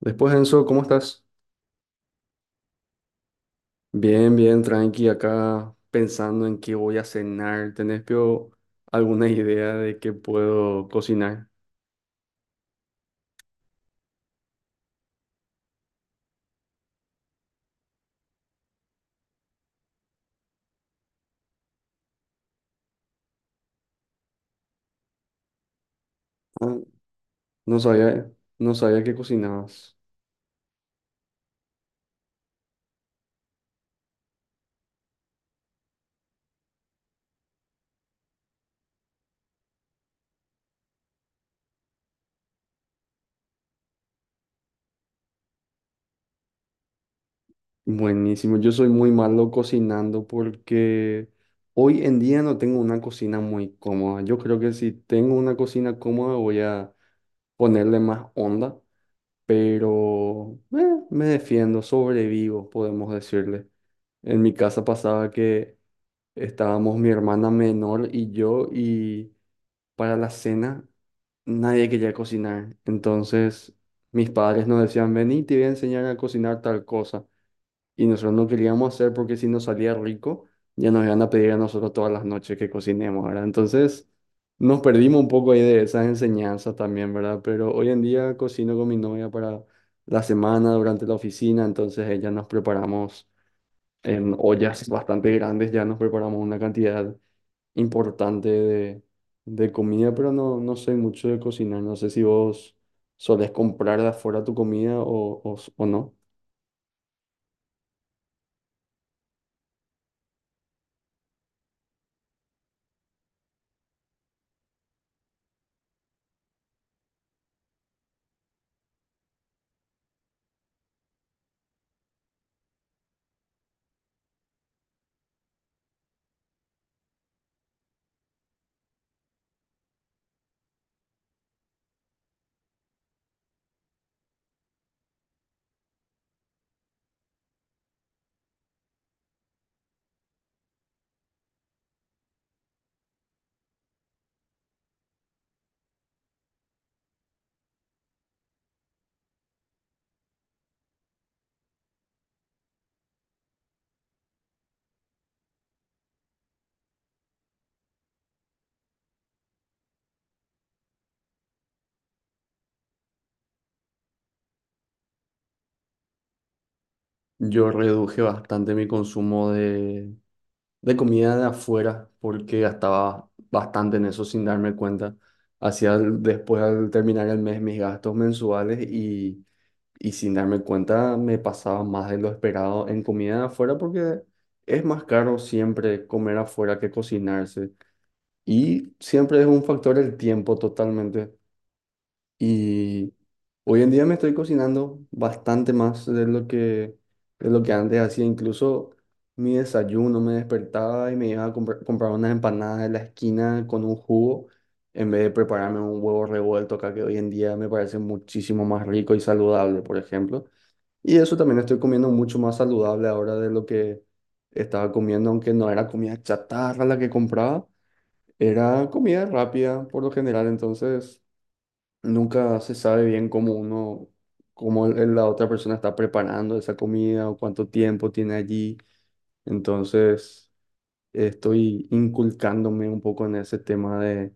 Después, Enzo, ¿cómo estás? Bien, bien, tranqui, acá pensando en qué voy a cenar. ¿Tenés pio, alguna idea de qué puedo cocinar? Ah, no sabía, no sabía que cocinabas. Buenísimo, yo soy muy malo cocinando porque hoy en día no tengo una cocina muy cómoda. Yo creo que si tengo una cocina cómoda voy a ponerle más onda, pero me defiendo, sobrevivo, podemos decirle. En mi casa pasaba que estábamos mi hermana menor y yo y para la cena nadie quería cocinar. Entonces mis padres nos decían, vení, te voy a enseñar a cocinar tal cosa. Y nosotros no queríamos hacer porque si nos salía rico, ya nos iban a pedir a nosotros todas las noches que cocinemos, ¿verdad? Entonces nos perdimos un poco ahí de esas enseñanzas también, ¿verdad? Pero hoy en día cocino con mi novia para la semana durante la oficina, entonces ella nos preparamos en ollas bastante grandes, ya nos preparamos una cantidad importante de comida, pero no, no sé mucho de cocinar. No sé si vos solés comprar de afuera tu comida o no. Yo reduje bastante mi consumo de comida de afuera porque gastaba bastante en eso sin darme cuenta. Después al terminar el mes mis gastos mensuales y sin darme cuenta me pasaba más de lo esperado en comida de afuera porque es más caro siempre comer afuera que cocinarse. Y siempre es un factor el tiempo totalmente. Y hoy en día me estoy cocinando bastante más de de lo que antes hacía. Incluso mi desayuno me despertaba y me iba a comprar unas empanadas de la esquina con un jugo en vez de prepararme un huevo revuelto acá que hoy en día me parece muchísimo más rico y saludable, por ejemplo. Y eso también estoy comiendo mucho más saludable ahora de lo que estaba comiendo, aunque no era comida chatarra la que compraba. Era comida rápida por lo general, entonces nunca se sabe bien cómo uno, la otra persona está preparando esa comida o cuánto tiempo tiene allí. Entonces estoy inculcándome un poco en ese tema de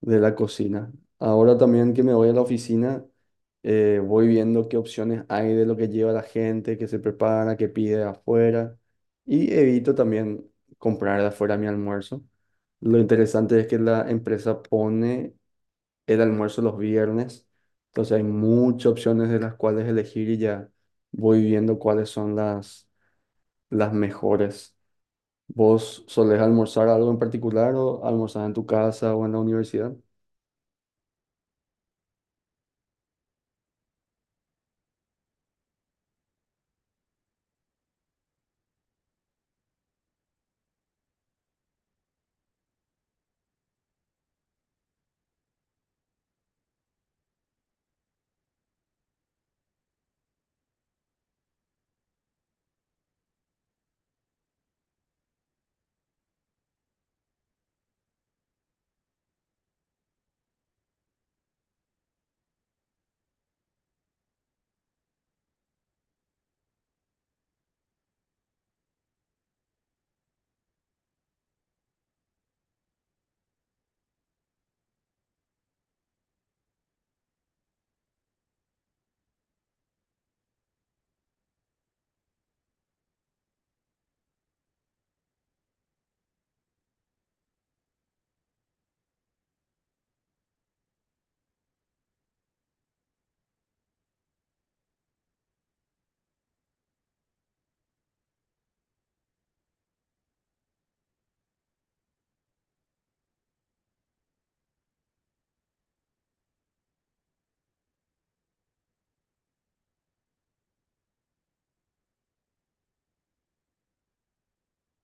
la cocina. Ahora también que me voy a la oficina, voy viendo qué opciones hay de lo que lleva la gente, qué se prepara, qué pide afuera y evito también comprar de afuera mi almuerzo. Lo interesante es que la empresa pone el almuerzo los viernes, entonces hay muchas opciones de las cuales elegir y ya voy viendo cuáles son las mejores. ¿Vos solés almorzar algo en particular o almorzás en tu casa o en la universidad?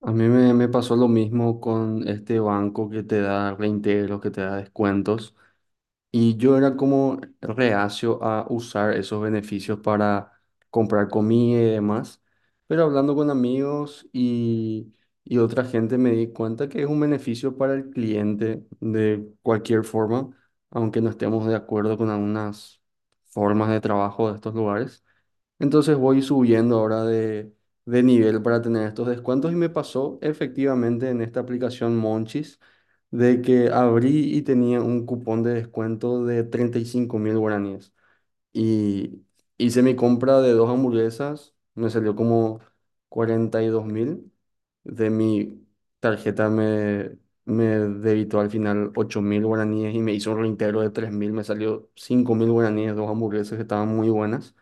A me pasó lo mismo con este banco que te da reintegros, que te da descuentos. Y yo era como reacio a usar esos beneficios para comprar comida y demás. Pero hablando con amigos y otra gente me di cuenta que es un beneficio para el cliente de cualquier forma, aunque no estemos de acuerdo con algunas formas de trabajo de estos lugares. Entonces voy subiendo ahora de nivel para tener estos descuentos y me pasó efectivamente en esta aplicación Monchis de que abrí y tenía un cupón de descuento de 35.000 guaraníes. Y hice mi compra de dos hamburguesas, me salió como 42.000. De mi tarjeta me debitó al final 8.000 guaraníes y me hizo un reintegro de 3.000, me salió 5.000 guaraníes, dos hamburguesas que estaban muy buenas.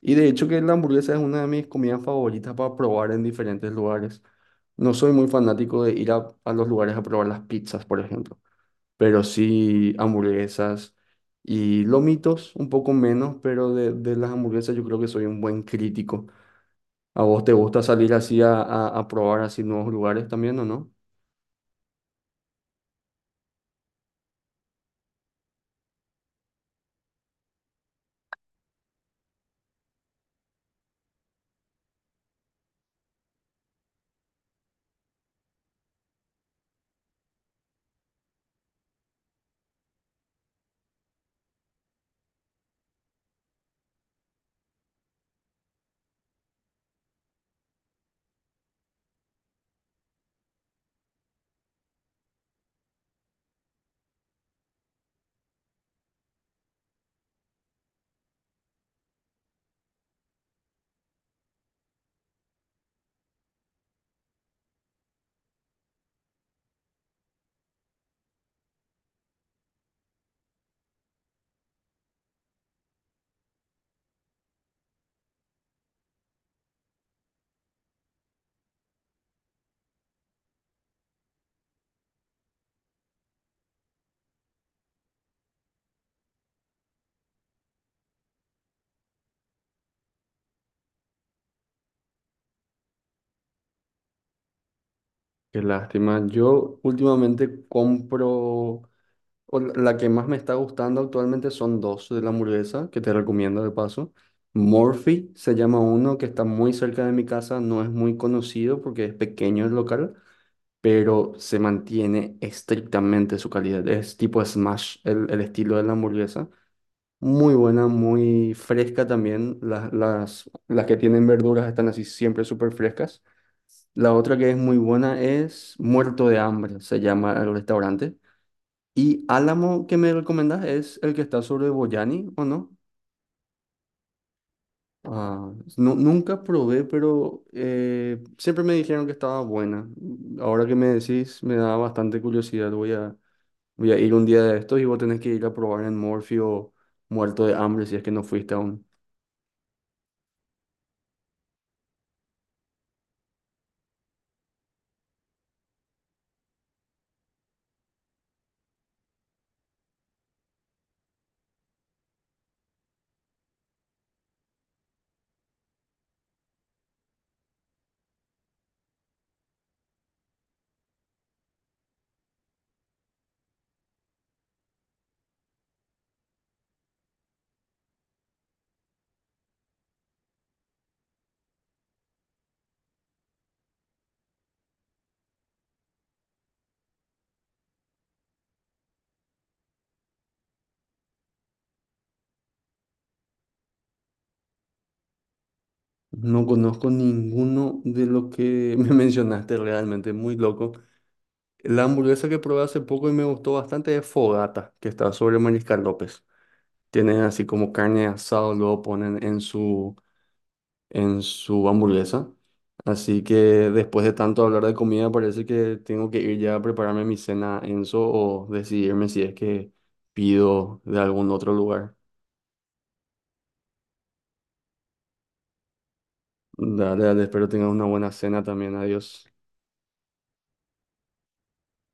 Y de hecho que la hamburguesa es una de mis comidas favoritas para probar en diferentes lugares. No soy muy fanático de ir a los lugares a probar las pizzas, por ejemplo, pero sí hamburguesas y lomitos, un poco menos, pero de las hamburguesas yo creo que soy un buen crítico. ¿A vos te gusta salir así a probar así nuevos lugares también o no? Qué lástima. Yo últimamente compro... O la que más me está gustando actualmente son dos de la hamburguesa, que te recomiendo de paso. Morphy se llama uno que está muy cerca de mi casa, no es muy conocido porque es pequeño el local, pero se mantiene estrictamente su calidad. Es tipo smash el estilo de la hamburguesa. Muy buena, muy fresca también. Las que tienen verduras están así siempre súper frescas. La otra que es muy buena es Muerto de Hambre, se llama el restaurante. Y Álamo que me recomendás es el que está sobre Boyani, ¿o no? Ah, nunca probé, pero siempre me dijeron que estaba buena. Ahora que me decís, me da bastante curiosidad. Voy a ir un día de estos y vos tenés que ir a probar en Morfeo muerto de hambre si es que no fuiste aún. No conozco ninguno de lo que me mencionaste realmente, muy loco. La hamburguesa que probé hace poco y me gustó bastante es Fogata, que está sobre Mariscal López. Tienen así como carne asada, luego ponen en en su hamburguesa. Así que después de tanto hablar de comida, parece que tengo que ir ya a prepararme mi cena, Enzo, o decidirme si es que pido de algún otro lugar. Dale, espero tengas una buena cena también. Adiós.